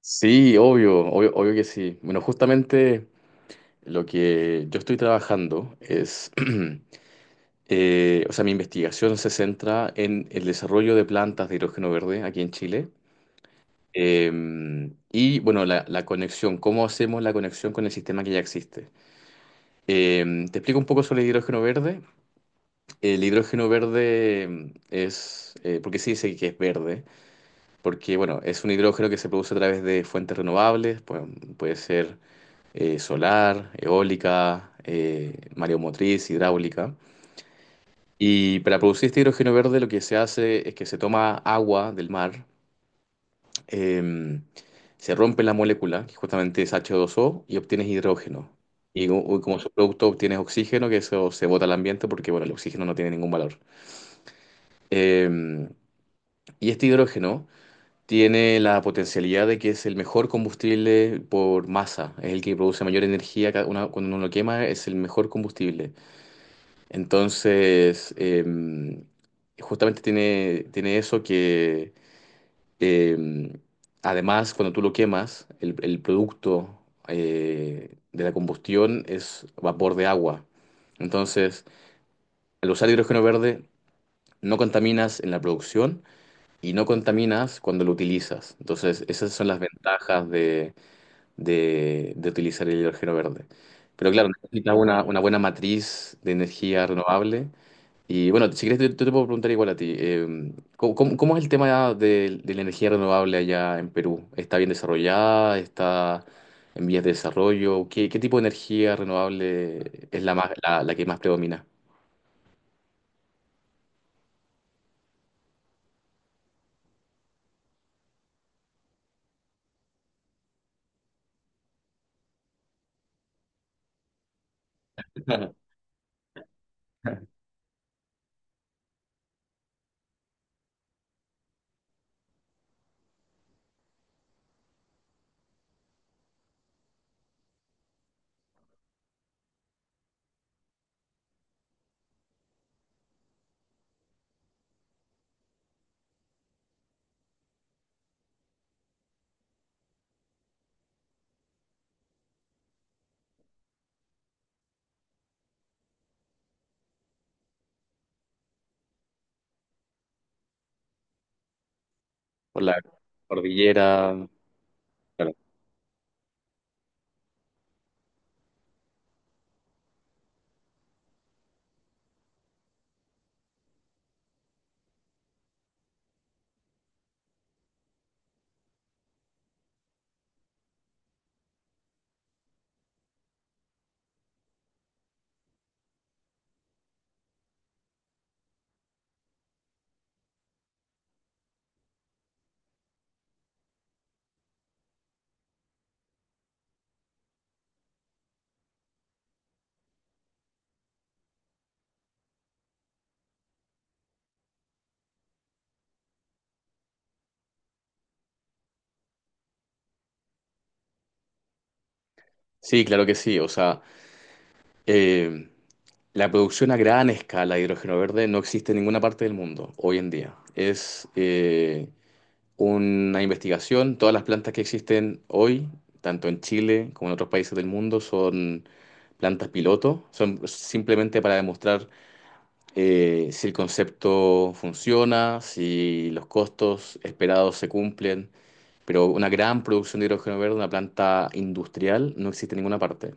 Sí, obvio, obvio, obvio que sí. Bueno, justamente lo que yo estoy trabajando es, O sea, mi investigación se centra en el desarrollo de plantas de hidrógeno verde aquí en Chile. Eh, y bueno, la conexión, cómo hacemos la conexión con el sistema que ya existe. Te explico un poco sobre el hidrógeno verde. El hidrógeno verde es, ¿por qué se dice que es verde? Porque bueno, es un hidrógeno que se produce a través de fuentes renovables, puede ser solar, eólica, mareomotriz, hidráulica. Y para producir este hidrógeno verde lo que se hace es que se toma agua del mar, eh, se rompe la molécula, que justamente es H2O, y obtienes hidrógeno. Y como subproducto obtienes oxígeno, que eso se bota al ambiente porque, bueno, el oxígeno no tiene ningún valor. Eh, y este hidrógeno tiene la potencialidad de que es el mejor combustible por masa, es el que produce mayor energía, cuando uno lo quema es el mejor combustible. Entonces, justamente tiene eso que, em, además, cuando tú lo quemas, el producto de la combustión es vapor de agua. Entonces, al usar hidrógeno verde, no contaminas en la producción y no contaminas cuando lo utilizas. Entonces, esas son las ventajas de, de utilizar el hidrógeno verde. Pero claro, necesitas una buena matriz de energía renovable y bueno, si quieres, yo te puedo preguntar igual a ti. ¿Cómo, cómo es el tema de la energía renovable allá en Perú? ¿Está bien desarrollada? ¿Está en vías de desarrollo? ¿Qué, qué tipo de energía renovable es la, más, la que más predomina? ¿Por la cordillera? Claro. Sí, claro que sí. O sea, em, la producción a gran escala de hidrógeno verde no existe en ninguna parte del mundo hoy en día. Es, una investigación. Todas las plantas que existen hoy, tanto en Chile como en otros países del mundo, son plantas piloto. Son simplemente para demostrar si el concepto funciona, si los costos esperados se cumplen. Pero una gran producción de hidrógeno verde, una planta industrial, no existe en ninguna parte.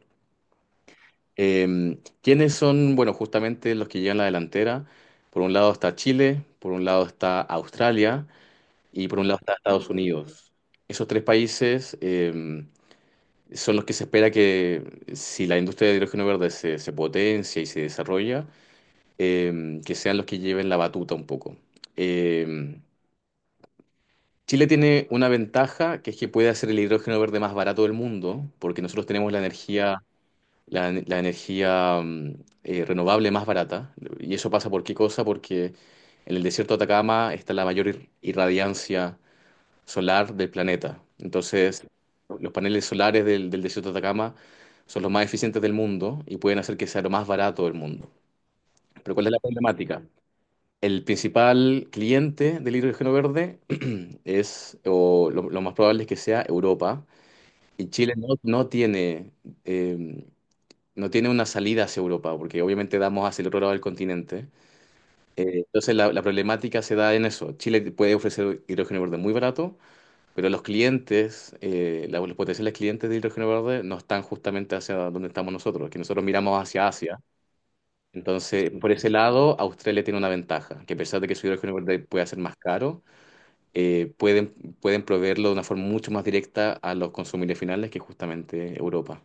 ¿Quiénes son? Bueno, justamente los que llevan la delantera. Por un lado está Chile, por un lado está Australia y por un lado está Estados Unidos. Esos tres países son los que se espera que, si la industria de hidrógeno verde se, se potencia y se desarrolla, que sean los que lleven la batuta un poco. Eh, Chile tiene una ventaja, que es que puede hacer el hidrógeno verde más barato del mundo, porque nosotros tenemos la energía, la energía renovable más barata. ¿Y eso pasa por qué cosa? Porque en el desierto de Atacama está la mayor irradiancia solar del planeta. Entonces, los paneles solares del desierto de Atacama son los más eficientes del mundo y pueden hacer que sea lo más barato del mundo. Pero ¿cuál es la problemática? El principal cliente del hidrógeno verde es, o lo más probable es que sea Europa, y Chile no, no tiene, eh, no tiene una salida hacia Europa, porque obviamente damos hacia el otro lado del continente. Entonces la problemática se da en eso. Chile puede ofrecer hidrógeno verde muy barato, pero los clientes, los potenciales clientes de hidrógeno verde no están justamente hacia donde estamos nosotros, que nosotros miramos hacia Asia. Entonces, por ese lado, Australia tiene una ventaja, que a pesar de que su hidrógeno verde puede ser más caro, eh, pueden, pueden proveerlo de una forma mucho más directa a los consumidores finales que justamente Europa.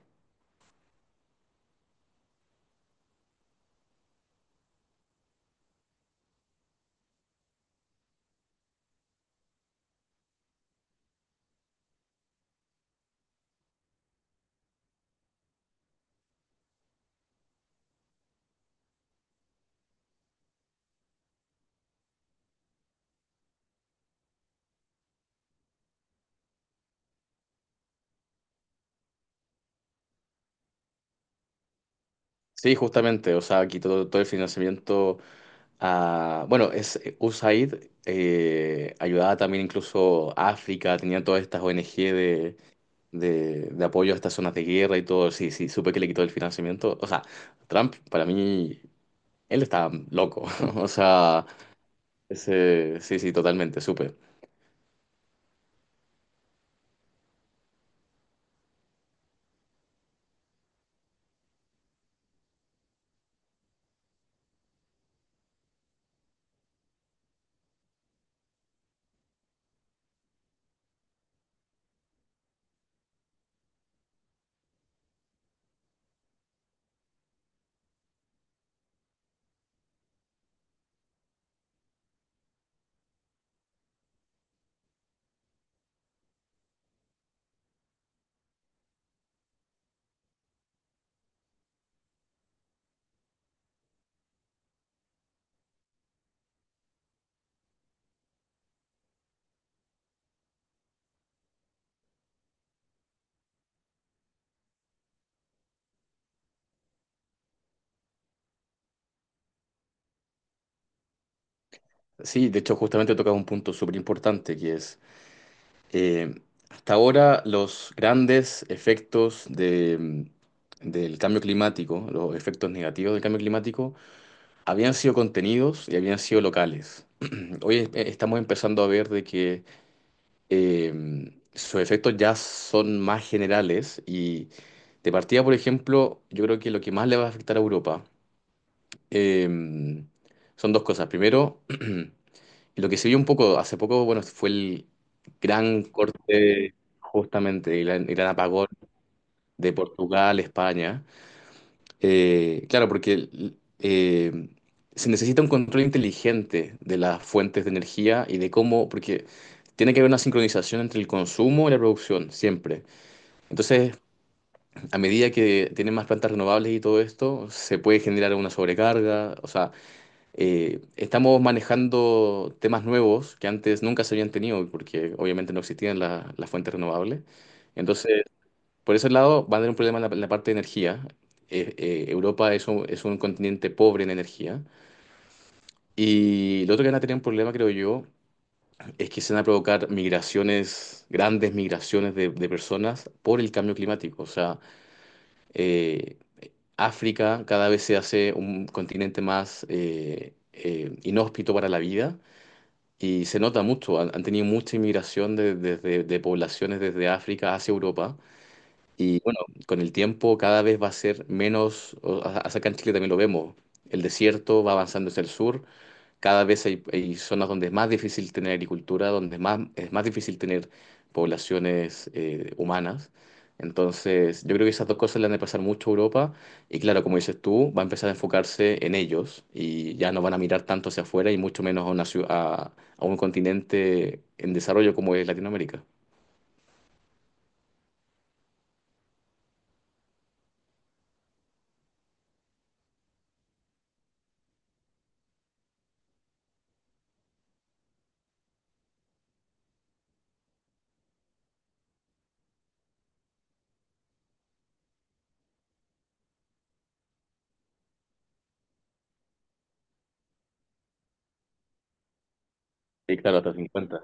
Sí, justamente, o sea, aquí todo, todo el financiamiento a, bueno, es USAID ayudaba también incluso a África, tenía todas estas ONG de apoyo a estas zonas de guerra y todo, sí, sí, supe que le quitó el financiamiento. O sea, Trump, para mí, él está loco. O sea, sí, sí, totalmente, supe. Sí, de hecho, justamente tocas un punto súper importante que es, eh, hasta ahora los grandes efectos de, del cambio climático, los efectos negativos del cambio climático, habían sido contenidos y habían sido locales. Hoy estamos empezando a ver de que sus efectos ya son más generales y de partida, por ejemplo, yo creo que lo que más le va a afectar a Europa eh, son dos cosas. Primero, y lo que se vio un poco hace poco, bueno, fue el gran corte justamente, el gran apagón de Portugal, España. Claro, porque eh, se necesita un control inteligente de las fuentes de energía y de cómo, porque tiene que haber una sincronización entre el consumo y la producción, siempre. Entonces, a medida que tienen más plantas renovables y todo esto, se puede generar una sobrecarga. O sea, estamos manejando temas nuevos que antes nunca se habían tenido, porque obviamente no existían las fuentes renovables. Entonces, por ese lado, va a tener un problema en la parte de energía. Europa es un continente pobre en energía. Y lo otro que van a tener un problema, creo yo, es que se van a provocar migraciones, grandes migraciones de personas por el cambio climático. O sea, eh, África cada vez se hace un continente más inhóspito para la vida. Y se nota mucho, han, han tenido mucha inmigración de, de poblaciones desde África hacia Europa. Y bueno, con el tiempo cada vez va a ser menos, acá en Chile también lo vemos, el desierto va avanzando hacia el sur, cada vez hay, hay zonas donde es más difícil tener agricultura, donde es más difícil tener poblaciones humanas. Entonces, yo creo que esas dos cosas le han de pasar mucho a Europa y claro, como dices tú, va a empezar a enfocarse en ellos y ya no van a mirar tanto hacia afuera y mucho menos a, a un continente en desarrollo como es Latinoamérica. Sí, claro, hasta cincuenta.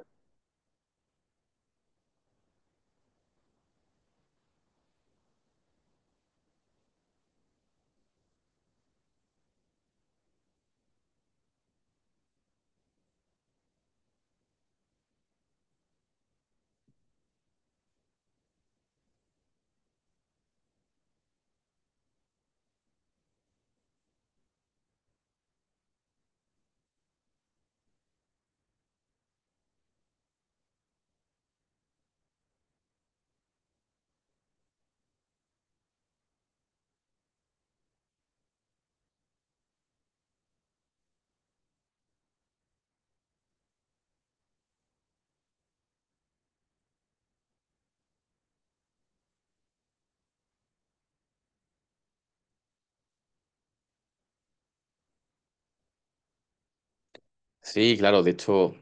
Sí, claro, de hecho.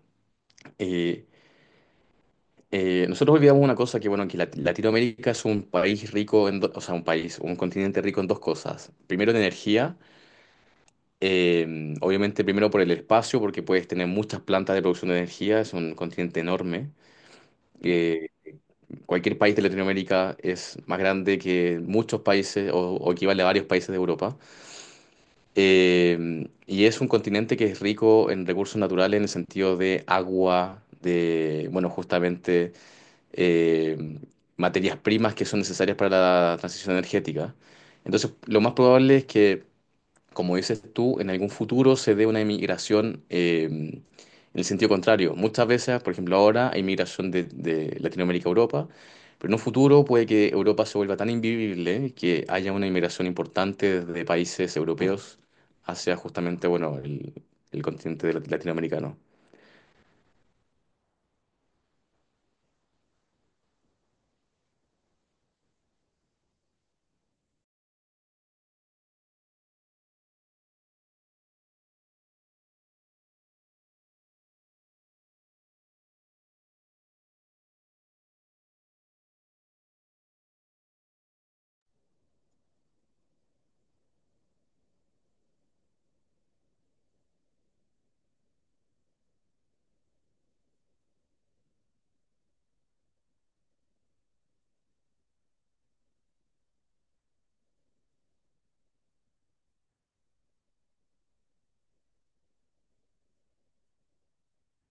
Eh, Nosotros olvidamos una cosa que, bueno, que Latinoamérica es un país rico, o sea, un país, un continente rico en dos cosas. Primero en energía, obviamente primero por el espacio, porque puedes tener muchas plantas de producción de energía, es un continente enorme. Eh, Cualquier país de Latinoamérica es más grande que muchos países o equivale a varios países de Europa. Y es un continente que es rico en recursos naturales en el sentido de agua, de, bueno, justamente eh, materias primas que son necesarias para la transición energética. Entonces, lo más probable es que, como dices tú, en algún futuro se dé una inmigración en el sentido contrario. Muchas veces, por ejemplo, ahora hay migración de Latinoamérica a Europa, pero en un futuro puede que Europa se vuelva tan invivible que haya una inmigración importante desde países europeos hacia justamente, bueno, el continente latinoamericano.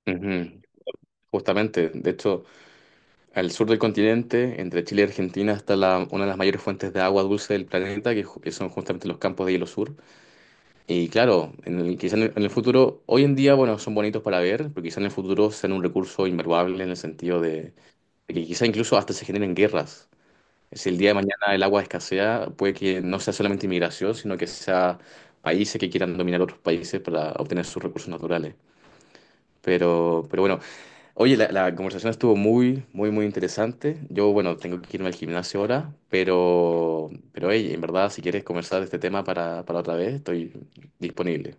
Ujú. Justamente, de hecho, al sur del continente, entre Chile y Argentina, está una de las mayores fuentes de agua dulce del planeta, que, que son justamente los campos de hielo sur. Y claro, en el, quizá en el futuro, hoy en día, bueno, son bonitos para ver, pero quizá en el futuro sean un recurso invaluable en el sentido de que quizá incluso hasta se generen guerras. Si el día de mañana el agua escasea, puede que no sea solamente inmigración, sino que sea países que quieran dominar otros países para obtener sus recursos naturales. Pero bueno. Oye, la conversación estuvo muy, muy, muy interesante. Yo, bueno, tengo que irme al gimnasio ahora, pero hey, en verdad, si quieres conversar de este tema para otra vez, estoy disponible.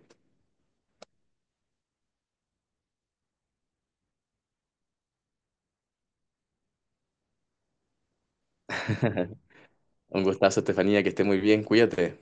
Un gustazo, Estefanía, que esté muy bien, cuídate.